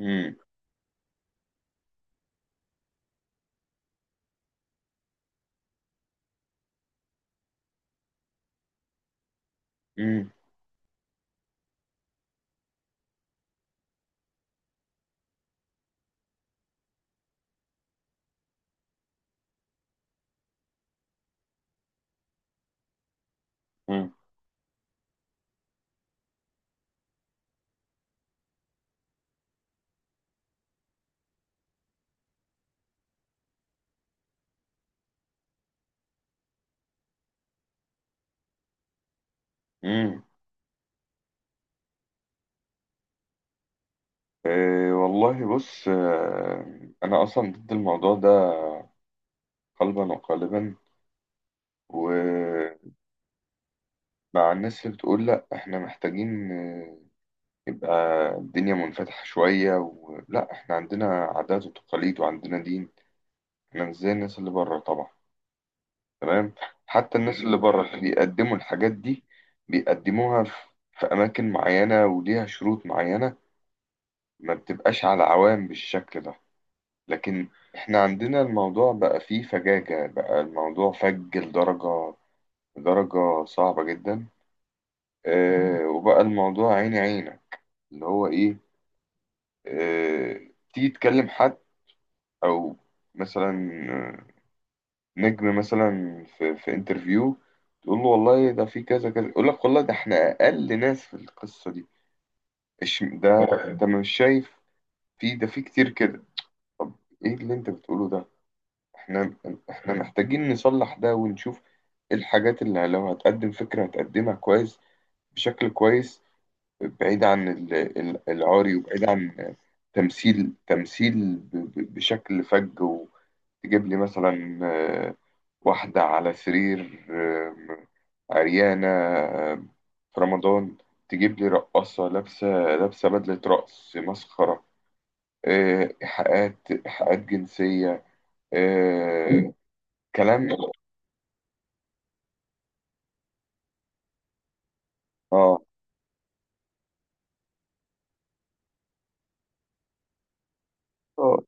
امم امم امم إيه والله، بص، انا اصلا ضد الموضوع ده قلبا وقالبا، ومع الناس اللي بتقول لا احنا محتاجين. يبقى الدنيا منفتحة شوية، ولا احنا عندنا عادات وتقاليد وعندنا دين؟ احنا مش زي الناس اللي بره طبعا، تمام. حتى الناس اللي بره اللي بيقدموا الحاجات دي بيقدموها في اماكن معينة وليها شروط معينة، ما بتبقاش على عوام بالشكل ده. لكن احنا عندنا الموضوع بقى فيه فجاجة، بقى الموضوع فج لدرجة صعبة جدا. اه، وبقى الموضوع عيني عينة، اللي هو ايه؟ اه، تيجي تكلم حد، او مثلا آه، نجم مثلا في انترفيو، تقول له والله ده في كذا كذا، يقول لك والله ده احنا اقل ناس في القصة دي. ده انت مش شايف؟ في ده، في كتير كده. طب، ايه اللي انت بتقوله ده؟ احنا احنا محتاجين نصلح ده ونشوف ايه الحاجات اللي لو هتقدم فكرة هتقدمها كويس، بشكل كويس، بعيد عن العاري، وبعيد عن تمثيل بشكل فج. وتجيب لي مثلا واحدة على سرير، عريانة، آم، في رمضان. تجيب لي رقاصة لابسة بدلة رقص مسخرة، إيحاءات جنسية، آه، كلام. اه، اه،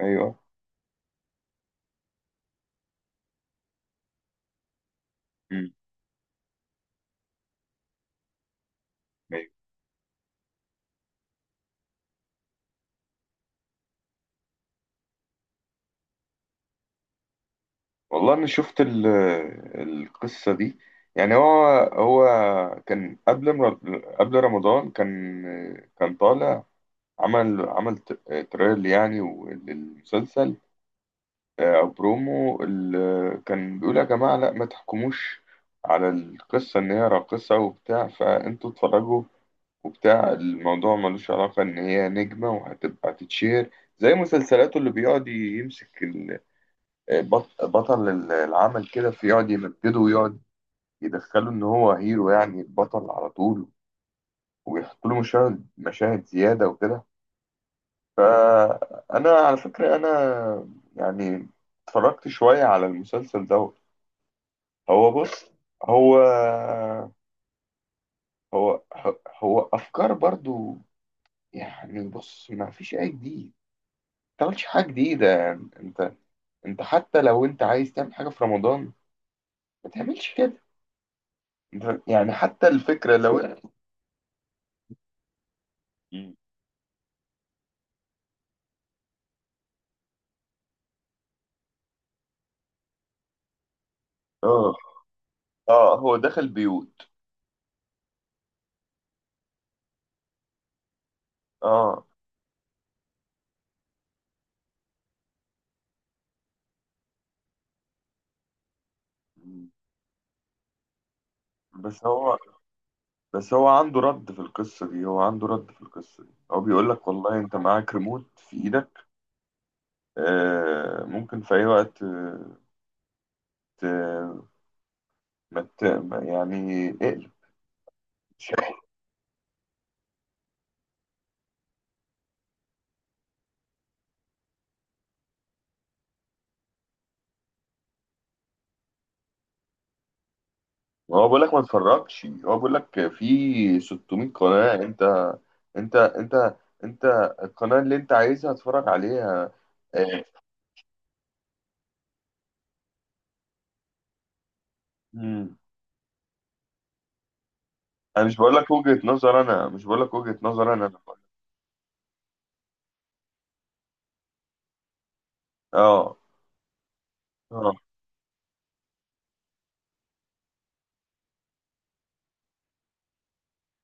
ايوه، امم، ايوه. والله انا شفت القصه دي. يعني هو كان قبل رمضان، كان طالع. عمل تريل يعني للمسلسل، او برومو. كان بيقول يا جماعه، لا ما تحكموش على القصه ان هي راقصه وبتاع، فانتوا اتفرجوا وبتاع. الموضوع ملوش علاقه، ان هي نجمه وهتبقى تتشير زي مسلسلاته، اللي بيقعد يمسك بطل العمل كده، في يقعد يمجده ويقعد يدخله ان هو هيرو، يعني البطل على طول، ويحط له مشاهد زيادة وكده. فانا على فكرة انا يعني اتفرجت شوية على المسلسل دوت. هو، بص، هو هو هو افكار برضو، يعني. بص، ما فيش اي جديد، ما تعملش حاجة جديدة. يعني انت، حتى لو انت عايز تعمل حاجة في رمضان، ما تعملش كده. يعني حتى الفكرة لو... اه، اه، هو دخل بيوت، اه. بس هو بس هو عنده رد في القصة دي، هو بيقول لك والله انت معاك ريموت في ايدك، آه ممكن في اي وقت، ت... ما ت... ما- يعني اقلب. هو بيقول لك ما تتفرجش، هو بيقول لك في 600 قناة، انت انت انت القناة اللي انت عايزها اتفرج عليها. آه. مم. انا مش بقول لك وجهة نظر، انا. اه. آه.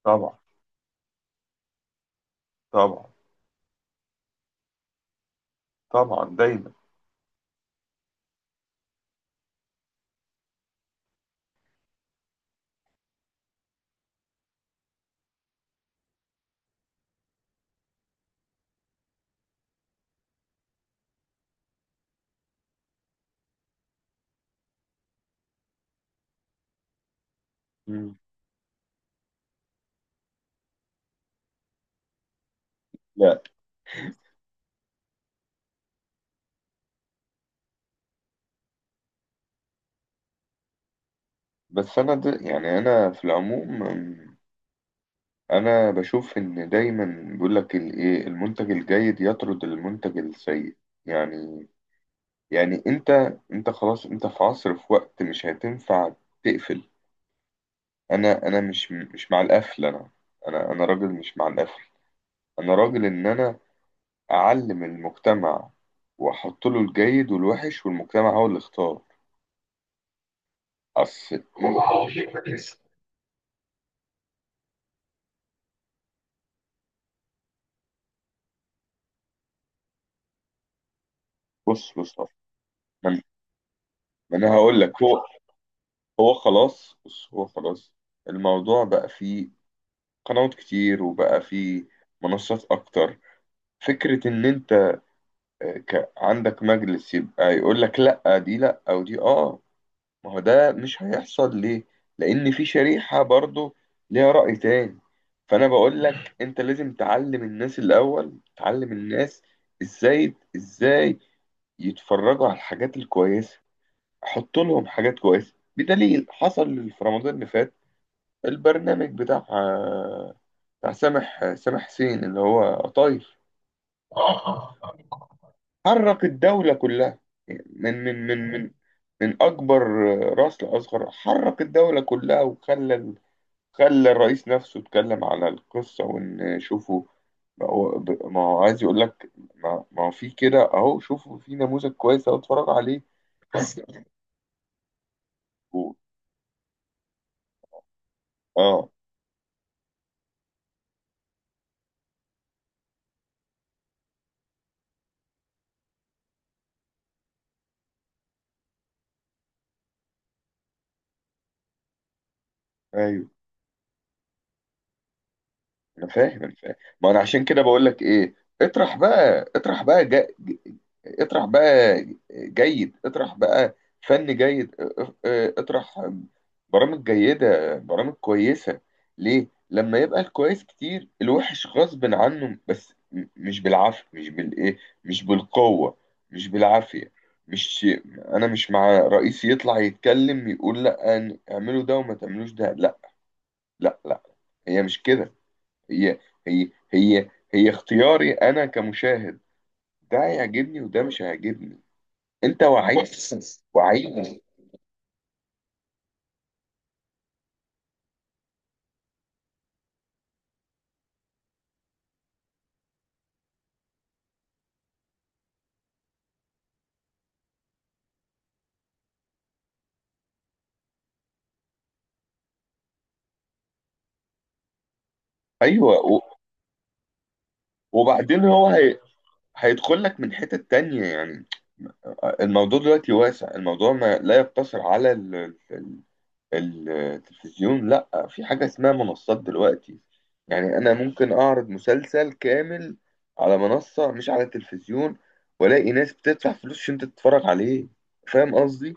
طبعا، طبعا، طبعا، دايما. مم. لا. بس انا يعني، انا في العموم، انا بشوف ان دايما بيقول لك الايه، المنتج الجيد يطرد المنتج السيء، يعني يعني انت خلاص، انت في عصر، في وقت مش هتنفع تقفل. انا مش مع القفل، انا. انا راجل مش مع القفل، انا راجل ان انا اعلم المجتمع، واحط له الجيد والوحش، والمجتمع هو اللي اختار. اصل... بص، بص، بص. ما انا ما أنا هقول لك. هو خلاص، بص هو خلاص. الموضوع بقى فيه قنوات كتير، وبقى فيه منصات اكتر. فكرة ان انت عندك مجلس يبقى يقول لك لا دي لا او دي اه، ما هو ده مش هيحصل. ليه؟ لان في شريحة برضو ليها رأي تاني. فانا بقول لك، انت لازم تعلم الناس الاول. تعلم الناس ازاي يتفرجوا على الحاجات الكويسة، حط لهم حاجات كويسة. بدليل حصل في رمضان اللي فات، البرنامج بتاع سامح حسين، اللي هو قطايف. اه، اه. حرك الدولة كلها من من من من من أكبر رأس لأصغر، حرك الدولة كلها، وخلى خلى الرئيس نفسه اتكلم على القصة، وإن شوفوا. ما هو عايز يقول لك ما هو في كده، أهو شوفوا في نموذج كويس، أهو اتفرجوا عليه. بس. و- اه، ايوه. انا فاهم، انا فاهم. ما انا عشان كده بقول لك ايه، اطرح بقى اطرح بقى جا... اطرح بقى جيد. اطرح بقى فن جيد. اه، اطرح برامج جيدة، برامج كويسة. ليه لما يبقى الكويس كتير، الوحش غصب عنه. بس مش بالعافية، مش بالقوة، مش بالعافية. مش انا مش مع رئيس يطلع يتكلم يقول لا، اعملوا ده وما تعملوش ده، لا، لا، لا. هي مش كده، هي هي اختياري انا كمشاهد، ده هيعجبني وده مش هيعجبني. انت وعيت؟ ايوه. وبعدين هو هيدخل لك من حتة تانية، يعني الموضوع دلوقتي واسع. الموضوع ما لا يقتصر على التلفزيون. لا، في حاجة اسمها منصات دلوقتي. يعني انا ممكن اعرض مسلسل كامل على منصة مش على التلفزيون، والاقي ناس بتدفع فلوس عشان تتفرج عليه. فاهم قصدي؟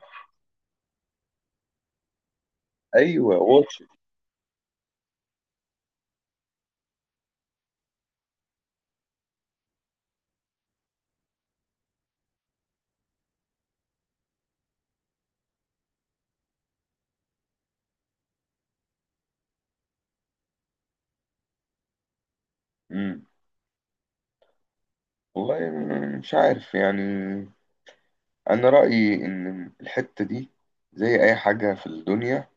ايوه. واتش. امم. والله مش عارف يعني. انا رايي ان الحته دي زي اي حاجه في الدنيا.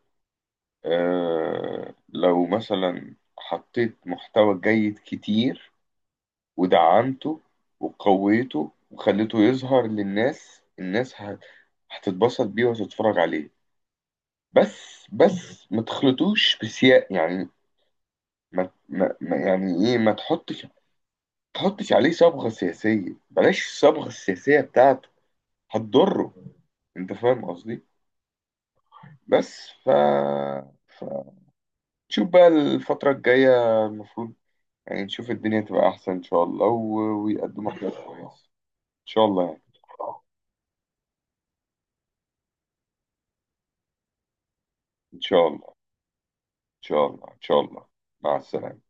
لو مثلا حطيت محتوى جيد كتير، ودعمته وقويته وخليته يظهر للناس. الناس هتتبسط بيه وهتتفرج عليه. بس ما تخلطوش بسياق، يعني يعني ايه، ما تحطش عليه صبغة سياسية، بلاش الصبغة السياسية بتاعت، هتضره. انت فاهم قصدي؟ بس. فتشوف بقى الفترة الجاية. المفروض يعني نشوف الدنيا تبقى أحسن إن شاء الله، ويقدموا حاجات كويسة. إن شاء الله، يعني. إن شاء الله، إن شاء الله، إن شاء الله. مع السلامة.